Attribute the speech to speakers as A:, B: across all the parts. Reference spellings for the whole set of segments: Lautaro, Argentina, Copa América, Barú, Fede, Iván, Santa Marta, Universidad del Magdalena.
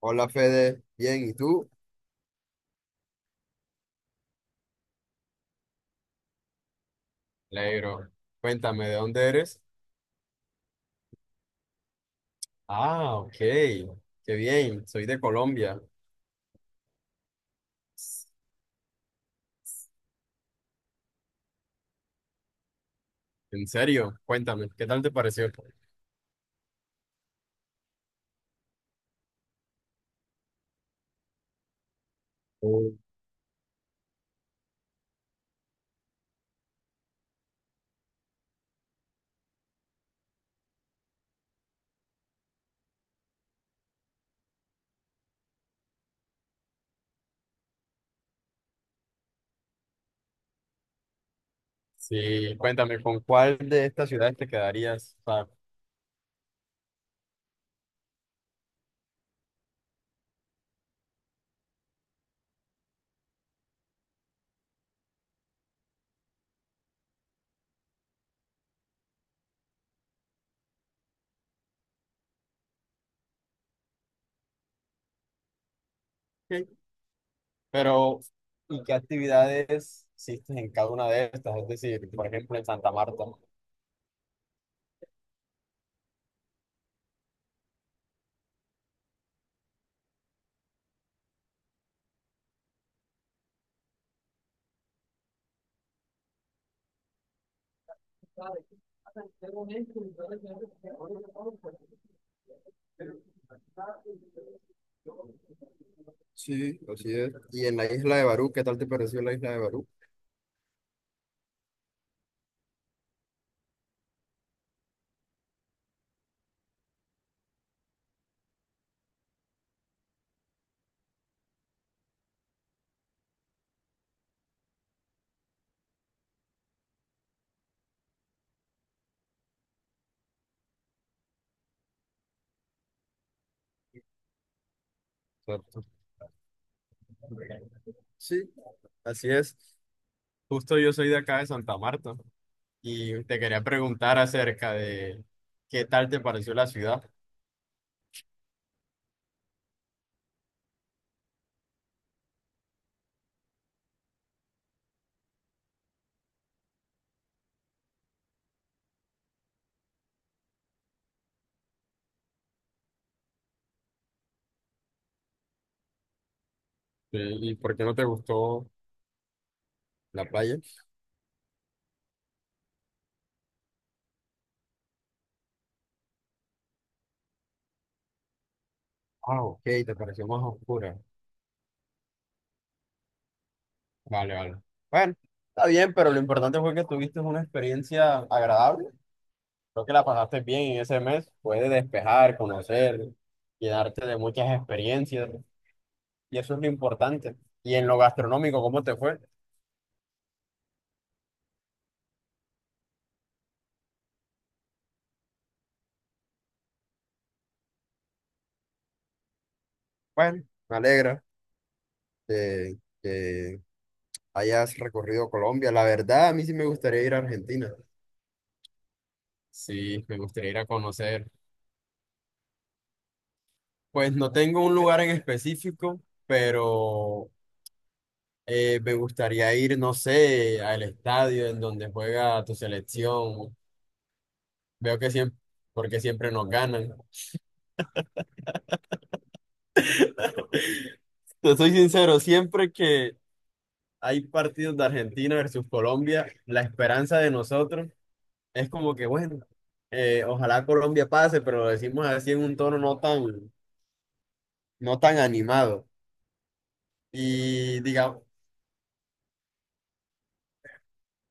A: Hola Fede, bien, ¿y tú? Alegro. Cuéntame, ¿de dónde eres? Ah, ok. Qué bien. Soy de Colombia. ¿En serio? Cuéntame, ¿qué tal te pareció? Uh, Sí, cuéntame, ¿con cuál de estas ciudades te quedarías? O sea, ok. Pero, ¿y qué actividades hiciste en cada una de estas? Es decir, por ejemplo, en Santa Marta. Sí, así es. ¿Y en la isla de Barú, qué tal te pareció la isla de Barú? Exacto. Sí, así es. Justo yo soy de acá de Santa Marta y te quería preguntar acerca de qué tal te pareció la ciudad y por qué no te gustó la playa. Ah, ok, te pareció más oscura. Vale, vale. Bueno, está bien, pero lo importante fue que tuviste una experiencia agradable. Creo que la pasaste bien en ese mes. Puedes despejar, conocer, llenarte de muchas experiencias y eso es lo importante. Y en lo gastronómico, ¿cómo te fue? Bueno, me alegra que, que hayas recorrido Colombia. La verdad, a mí sí me gustaría ir a Argentina. Sí, me gustaría ir a conocer. Pues no tengo un lugar en específico, pero me gustaría ir, no sé, al estadio en donde juega tu selección. Veo que siempre, porque siempre nos ganan. Te soy sincero, siempre que hay partidos de Argentina versus Colombia, la esperanza de nosotros es como que, bueno, ojalá Colombia pase, pero lo decimos así en un tono no tan, no tan animado. Y digamos,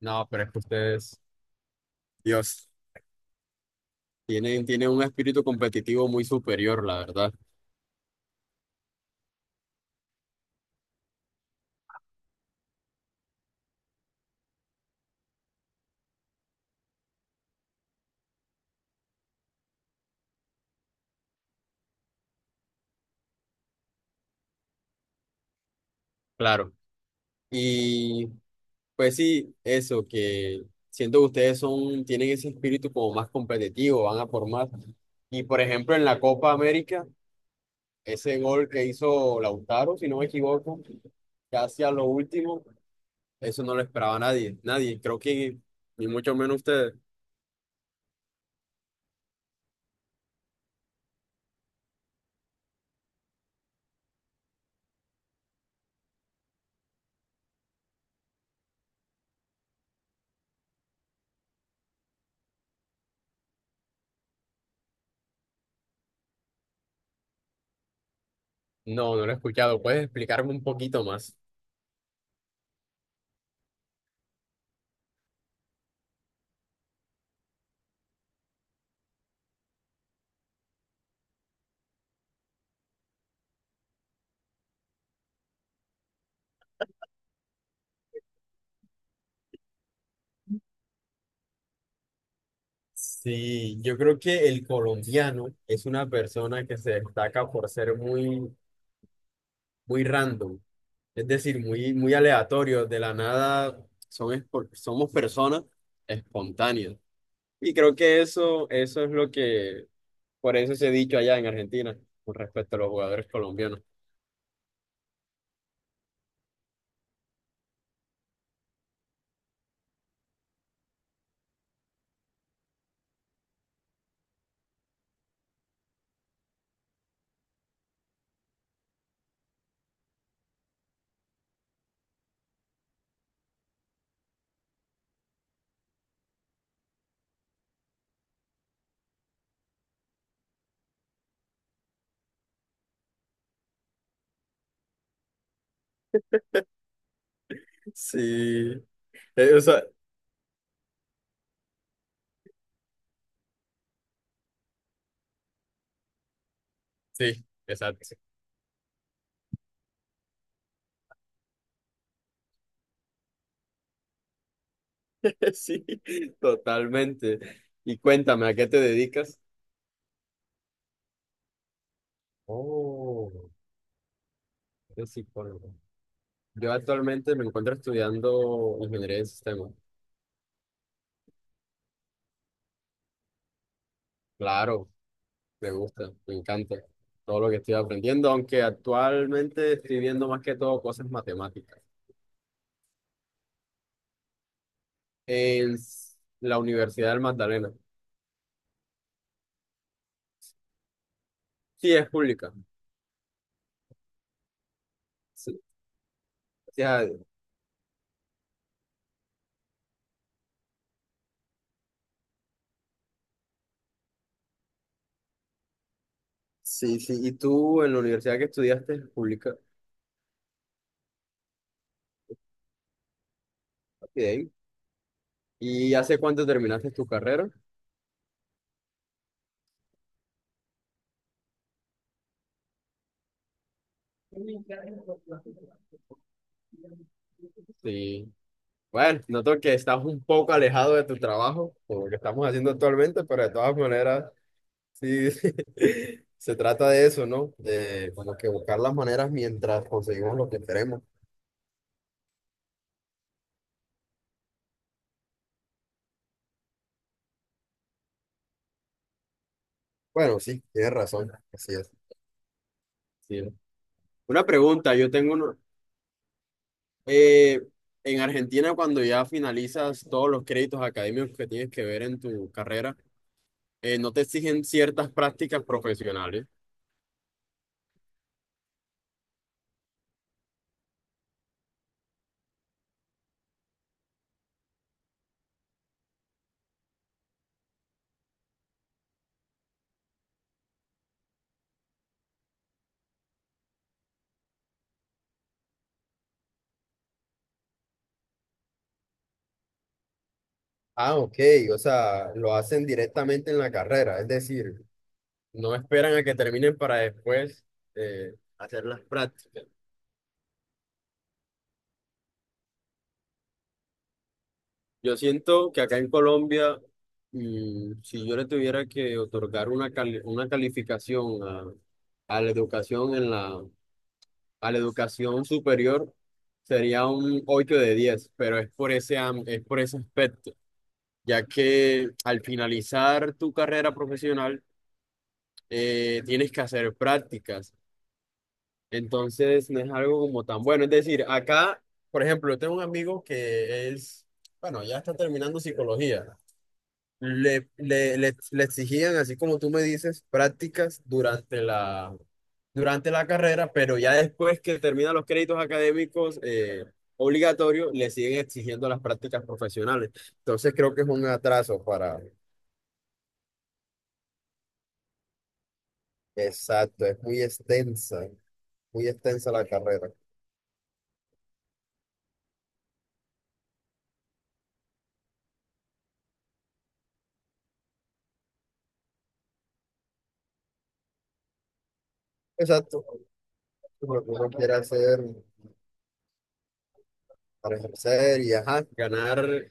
A: no, pero es que ustedes, Dios, tienen un espíritu competitivo muy superior, la verdad. Claro. Y pues sí, eso, que siento que ustedes son, tienen ese espíritu como más competitivo, van a formar. Y por ejemplo, en la Copa América, ese gol que hizo Lautaro, si no me equivoco, casi a lo último, eso no lo esperaba nadie, nadie, creo que ni mucho menos ustedes. No, no lo he escuchado. ¿Puedes explicarme un poquito más? Sí, yo creo que el colombiano es una persona que se destaca por ser muy, muy random, es decir, muy, muy aleatorio, de la nada son, somos personas espontáneas. Y creo que eso es lo que, por eso se ha dicho allá en Argentina con respecto a los jugadores colombianos. Sí, o sea, sí, exacto. Sí, totalmente. Y cuéntame, ¿a qué te dedicas? Oh, yo soy psicólogo. Yo actualmente me encuentro estudiando ingeniería de sistemas. Claro, me gusta, me encanta todo lo que estoy aprendiendo, aunque actualmente estoy viendo más que todo cosas matemáticas en la Universidad del Magdalena. Sí, es pública. Sí, o sea, sí, sí. ¿Y tú en la universidad que estudiaste es pública? Bien. ¿Y hace cuánto terminaste tu carrera? Sí. Bueno, noto que estás un poco alejado de tu trabajo, por lo que estamos haciendo actualmente, pero de todas maneras, sí, se trata de eso, ¿no? De como que buscar las maneras mientras conseguimos lo que queremos. Bueno, sí, tienes razón, así es. Sí. Una pregunta, yo tengo uno. eh, en Argentina, cuando ya finalizas todos los créditos académicos que tienes que ver en tu carrera, ¿no te exigen ciertas prácticas profesionales? Ah, ok, o sea, lo hacen directamente en la carrera, es decir, no esperan a que terminen para después hacer las prácticas. Yo siento que acá en Colombia, mm, si yo le tuviera que otorgar una, una calificación a la educación en la, a la educación superior, sería un 8 de 10, pero es por ese, es por ese aspecto, ya que al finalizar tu carrera profesional, tienes que hacer prácticas. Entonces no es algo como tan bueno. Es decir, acá, por ejemplo, yo tengo un amigo que es, bueno, ya está terminando psicología. Le exigían, así como tú me dices, prácticas durante la carrera, pero ya después que terminan los créditos académicos obligatorios, le siguen exigiendo las prácticas profesionales. Entonces creo que es un atraso para... Exacto, es muy extensa la carrera. Exacto, lo que uno quiere hacer, para ejercer y ajá, ganar,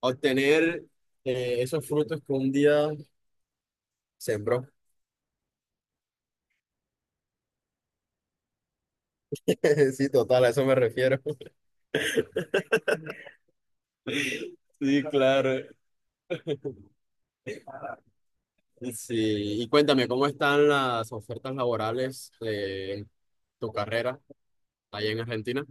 A: obtener esos frutos que un día sembró. Sí, total, a eso me refiero. Sí, claro. Sí, y cuéntame, ¿cómo están las ofertas laborales de tu carrera allá en Argentina?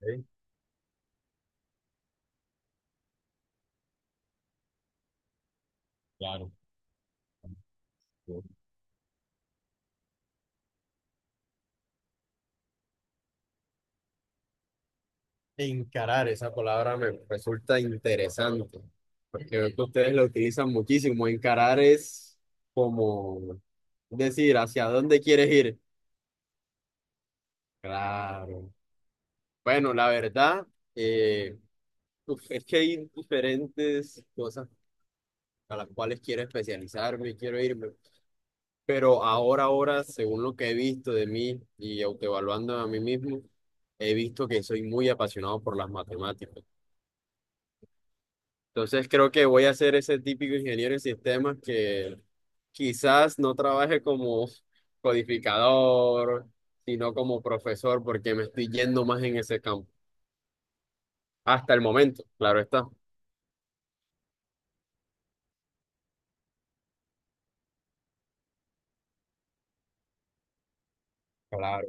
A: Sí, claro. Encarar, esa palabra me resulta interesante, porque veo que ustedes lo utilizan muchísimo. Encarar es como decir hacia dónde quieres ir. Claro. Bueno, la verdad, eh, uf, es que hay diferentes cosas a las cuales quiero especializarme y quiero irme, pero ahora, ahora, según lo que he visto de mí y autoevaluando a mí mismo, he visto que soy muy apasionado por las matemáticas. Entonces creo que voy a ser ese típico ingeniero en sistemas que quizás no trabaje como codificador, sino como profesor, porque me estoy yendo más en ese campo. Hasta el momento, claro está. Claro.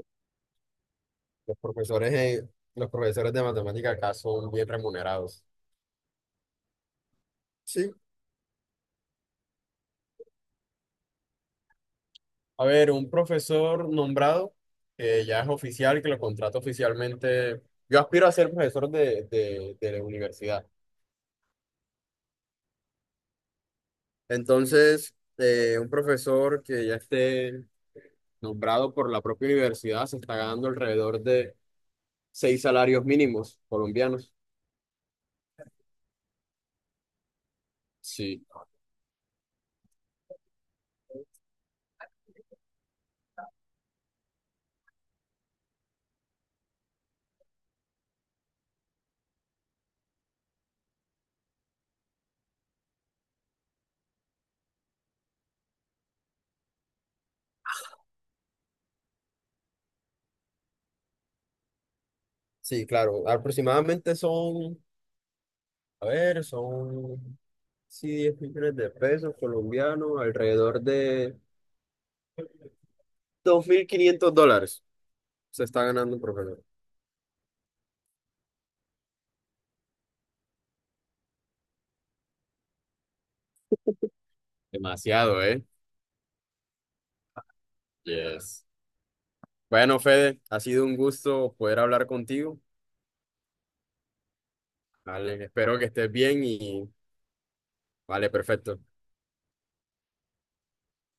A: Los profesores, eh, los profesores de matemática acá son bien remunerados. Sí. A ver, un profesor nombrado, que ya es oficial, que lo contrata oficialmente. Yo aspiro a ser profesor de la universidad. Entonces, un profesor que ya esté nombrado por la propia universidad se está ganando alrededor de 6 salarios mínimos colombianos. Sí, sí, claro. Aproximadamente son, a ver, son sí, 10 millones de pesos colombianos, alrededor de 2500 dólares se está ganando un profesor. Demasiado, ¿eh? Yes. Bueno, Fede, ha sido un gusto poder hablar contigo. Vale, espero que estés bien y vale, perfecto.